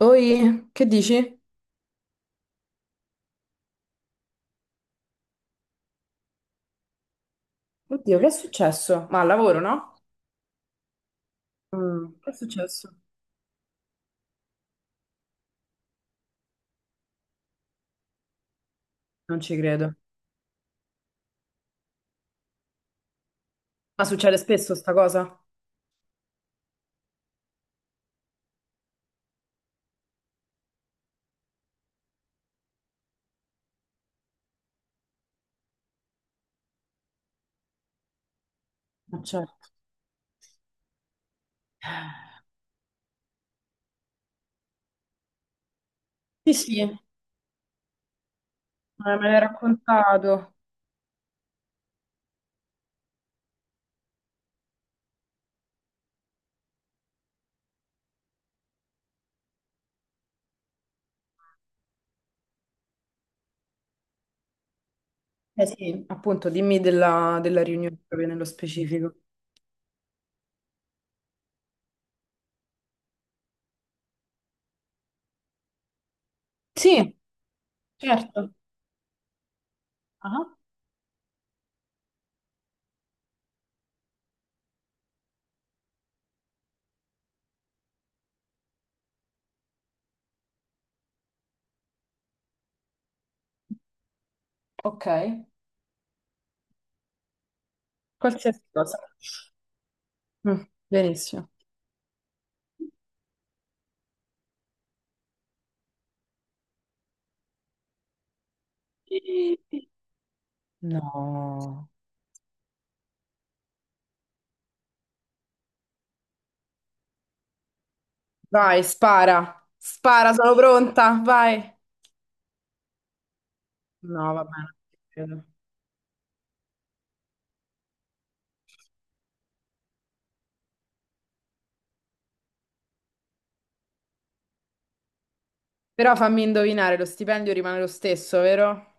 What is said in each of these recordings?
Oi, che dici? Oddio, che è successo? Ma al lavoro, no? Che è successo? Non ci credo. Ma succede spesso sta cosa? Ma certo. Sì, sì, me l'hai raccontato. Eh sì, appunto, dimmi della riunione proprio nello specifico. Sì, certo. Ah, ok. Qualsiasi cosa. Mm, Benissimo. Sì. No. Vai, spara. Spara, sono pronta. Vai. No, va bene. Però fammi indovinare, lo stipendio rimane lo stesso, vero?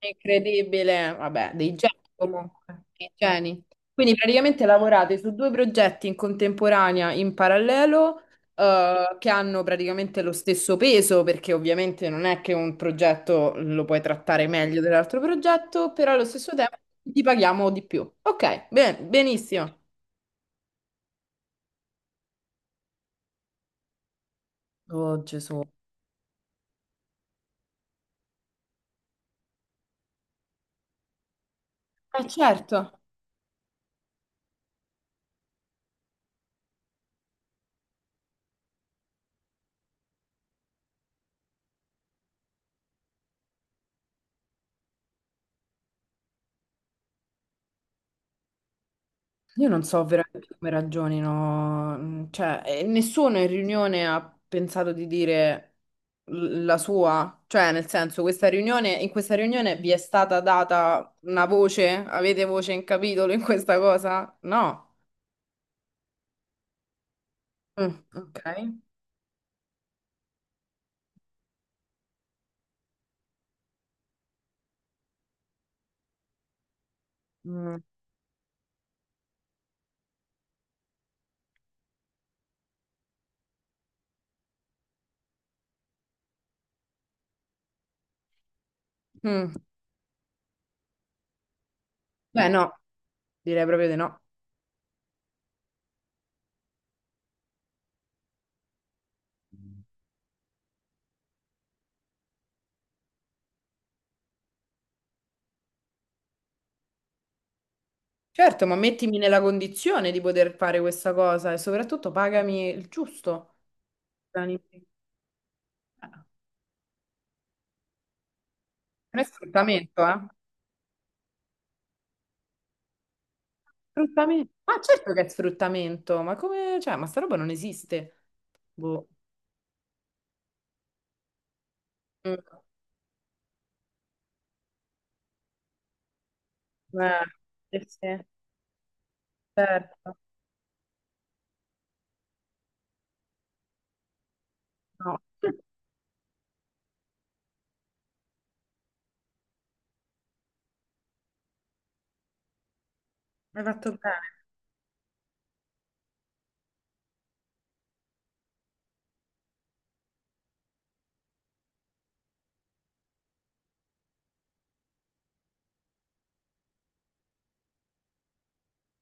Incredibile, vabbè, dei geni comunque, dei geni. Quindi praticamente lavorate su due progetti in contemporanea, in parallelo, che hanno praticamente lo stesso peso, perché ovviamente non è che un progetto lo puoi trattare meglio dell'altro progetto, però allo stesso tempo ti paghiamo di più. Ok, bene, benissimo. Oh Gesù. Eh certo. Io non so veramente come ragionino, cioè, nessuno in riunione ha pensato di dire la sua, cioè, nel senso, questa riunione, in questa riunione vi è stata data una voce? Avete voce in capitolo in questa cosa? No. Mm, ok. Mm. Mm. Beh, no, direi proprio di no. Certo, ma mettimi nella condizione di poter fare questa cosa e soprattutto pagami il giusto. Non è sfruttamento, eh? Sfruttamento. Ma certo che è sfruttamento, ma come, cioè, ma sta roba non esiste. Boh. Mm. Eh, sì, sì, certo. No. Hai fatto bene.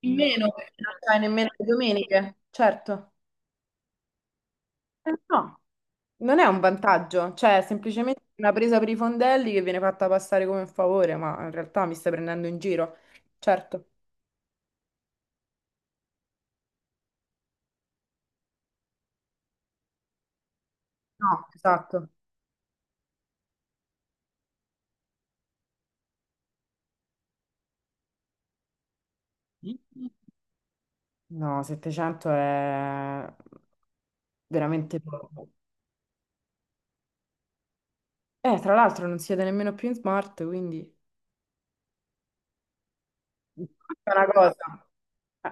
In meno, perché non fai nemmeno le domeniche, certo. No, non è un vantaggio, cioè, è semplicemente una presa per i fondelli che viene fatta passare come un favore, ma in realtà mi stai prendendo in giro. Certo. No, esatto. No, 700 è veramente poco. Tra l'altro non siete nemmeno più in smart, quindi... È una cosa. Eh,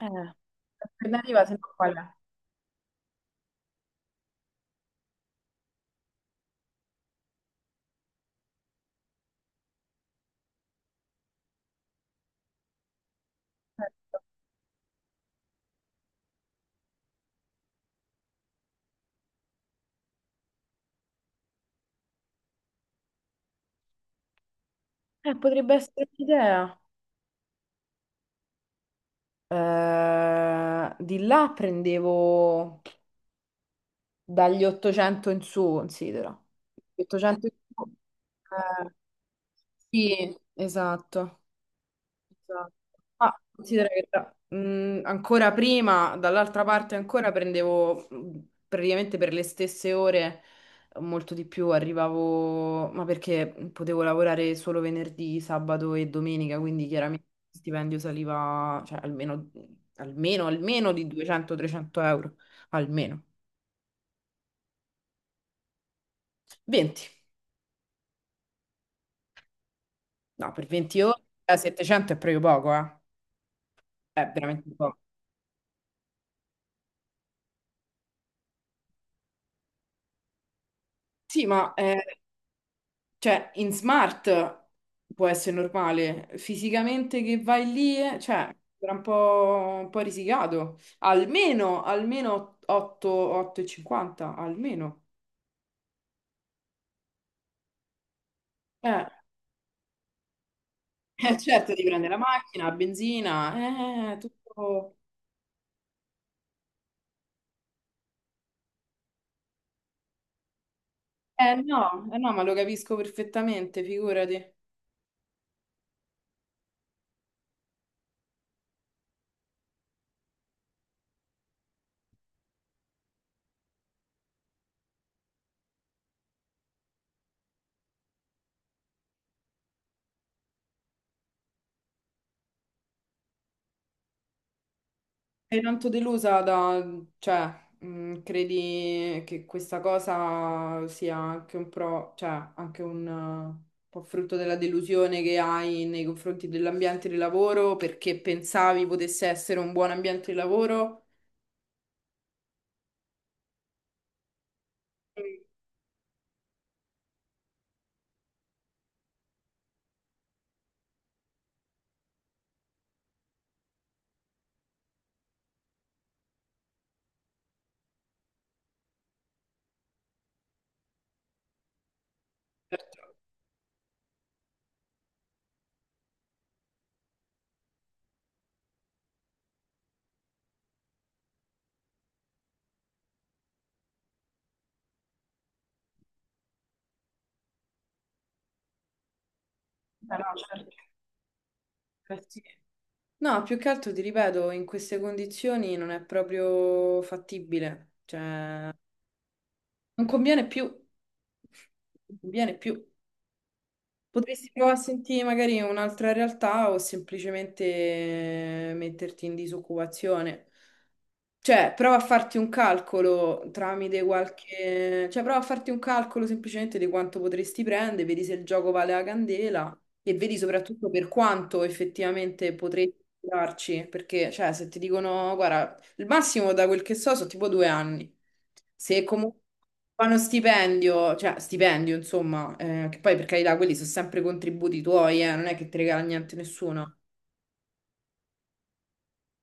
Eh, Alternativa, se no qual è? Potrebbe essere un'idea. Di là prendevo dagli 800 in su, considera. 800 in su. Eh, sì, esatto. Esatto. Ah, considera che ancora prima, dall'altra parte ancora prendevo praticamente per le stesse ore, molto di più, arrivavo, ma perché potevo lavorare solo venerdì, sabato e domenica, quindi chiaramente il stipendio saliva, cioè, almeno, almeno, almeno di 200-300 euro, almeno. 20, no, per 20 ore, 700 è proprio poco, è veramente poco. Sì, ma... cioè, in smart può essere normale, fisicamente che vai lì, cioè, era un po' risicato. Almeno, almeno 8, 8,50, almeno. Eh, certo, ti prende la macchina, la benzina, tutto... no, eh no, ma lo capisco perfettamente, figurati. Sei tanto delusa da, cioè, credi che questa cosa sia anche un pro, cioè, anche un po' frutto della delusione che hai nei confronti dell'ambiente di lavoro perché pensavi potesse essere un buon ambiente di lavoro? Sì. Certo. Beh, no, certo. Sì. No, più che altro ti ripeto, in queste condizioni non è proprio fattibile, cioè, non conviene più, non conviene più. Potresti provare a sentire magari un'altra realtà o semplicemente metterti in disoccupazione. Cioè, prova a farti un calcolo tramite qualche... Cioè, prova a farti un calcolo semplicemente di quanto potresti prendere, vedi se il gioco vale la candela e vedi soprattutto per quanto effettivamente potresti darci. Perché, cioè, se ti dicono, guarda, il massimo da quel che so sono tipo 2 anni. Se comunque fanno stipendio, cioè stipendio, insomma, che poi per carità quelli sono sempre contributi tuoi, non è che ti regala niente nessuno.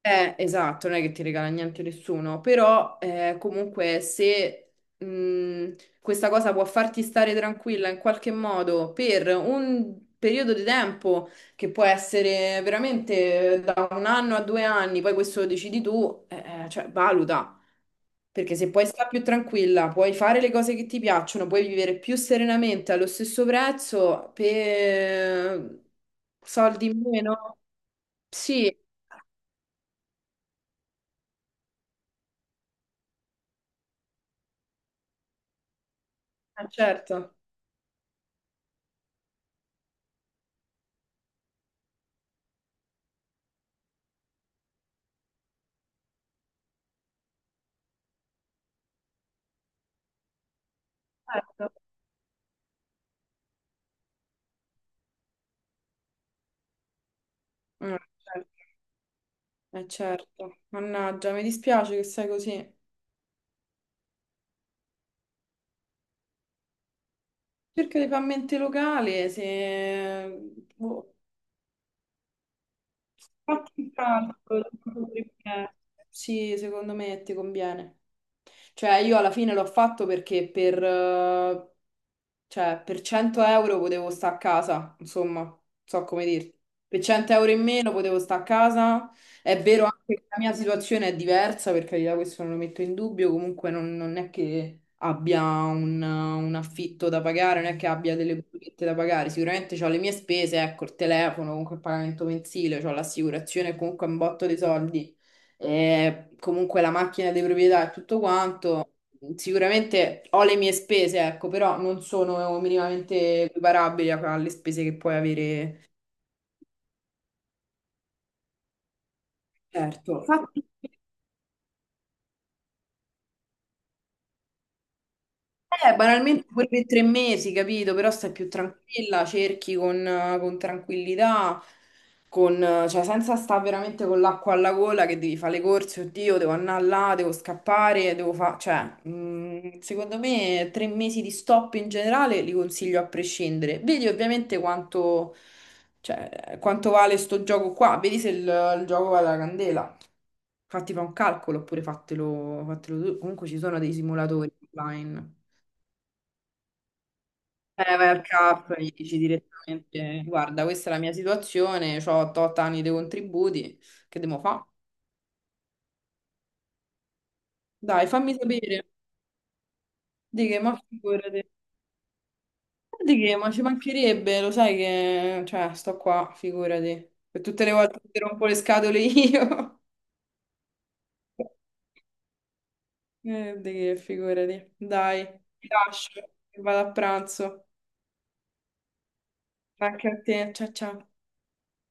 Esatto, non è che ti regala niente nessuno, però comunque se mh, questa cosa può farti stare tranquilla in qualche modo per un periodo di tempo che può essere veramente da un anno a 2 anni, poi questo lo decidi tu, cioè valuta, perché se puoi stare più tranquilla, puoi fare le cose che ti piacciono, puoi vivere più serenamente allo stesso prezzo per soldi in meno, sì, certo. Certo. Mm, certo. Certo. Mannaggia, mi dispiace che sei così. Cerca di fare mente locale, se boh. Fatti tanto, tanto. Sì, secondo me ti conviene. Cioè, io alla fine l'ho fatto perché cioè, per 100 euro potevo stare a casa, insomma, non so come dirti. Per 100 euro in meno potevo stare a casa. È vero anche che la mia situazione è diversa, per carità, questo non lo metto in dubbio, comunque non è che abbia un affitto da pagare, non è che abbia delle bollette da pagare, sicuramente ho le mie spese, ecco, il telefono, comunque il pagamento mensile, ho l'assicurazione, comunque un botto di soldi, e comunque la macchina di proprietà e tutto quanto. Sicuramente ho le mie spese, ecco, però non sono minimamente equiparabili alle spese che puoi avere. Certo. Banalmente pure per 3 mesi, capito? Però stai più tranquilla, cerchi con tranquillità, cioè senza stare veramente con l'acqua alla gola che devi fare le corse, oddio, devo andare là, devo scappare, devo fare... Cioè, secondo me 3 mesi di stop in generale li consiglio a prescindere. Vedi ovviamente cioè, quanto vale sto gioco qua, vedi se il gioco vale la candela. Fatti fa un calcolo oppure fatelo, fatelo tu. Comunque ci sono dei simulatori online. Vai al CAP, gli dici direttamente, guarda, questa è la mia situazione, ho 8 anni di contributi, che devo fare? Dai, fammi sapere. Di che, ma figurati. Di che, ma ci mancherebbe, lo sai che, cioè, sto qua, figurati. Per tutte le volte che ti rompo le scatole io. Di che, figurati. Dai, ti lascio, vado a pranzo. Anche a te, ciao ciao.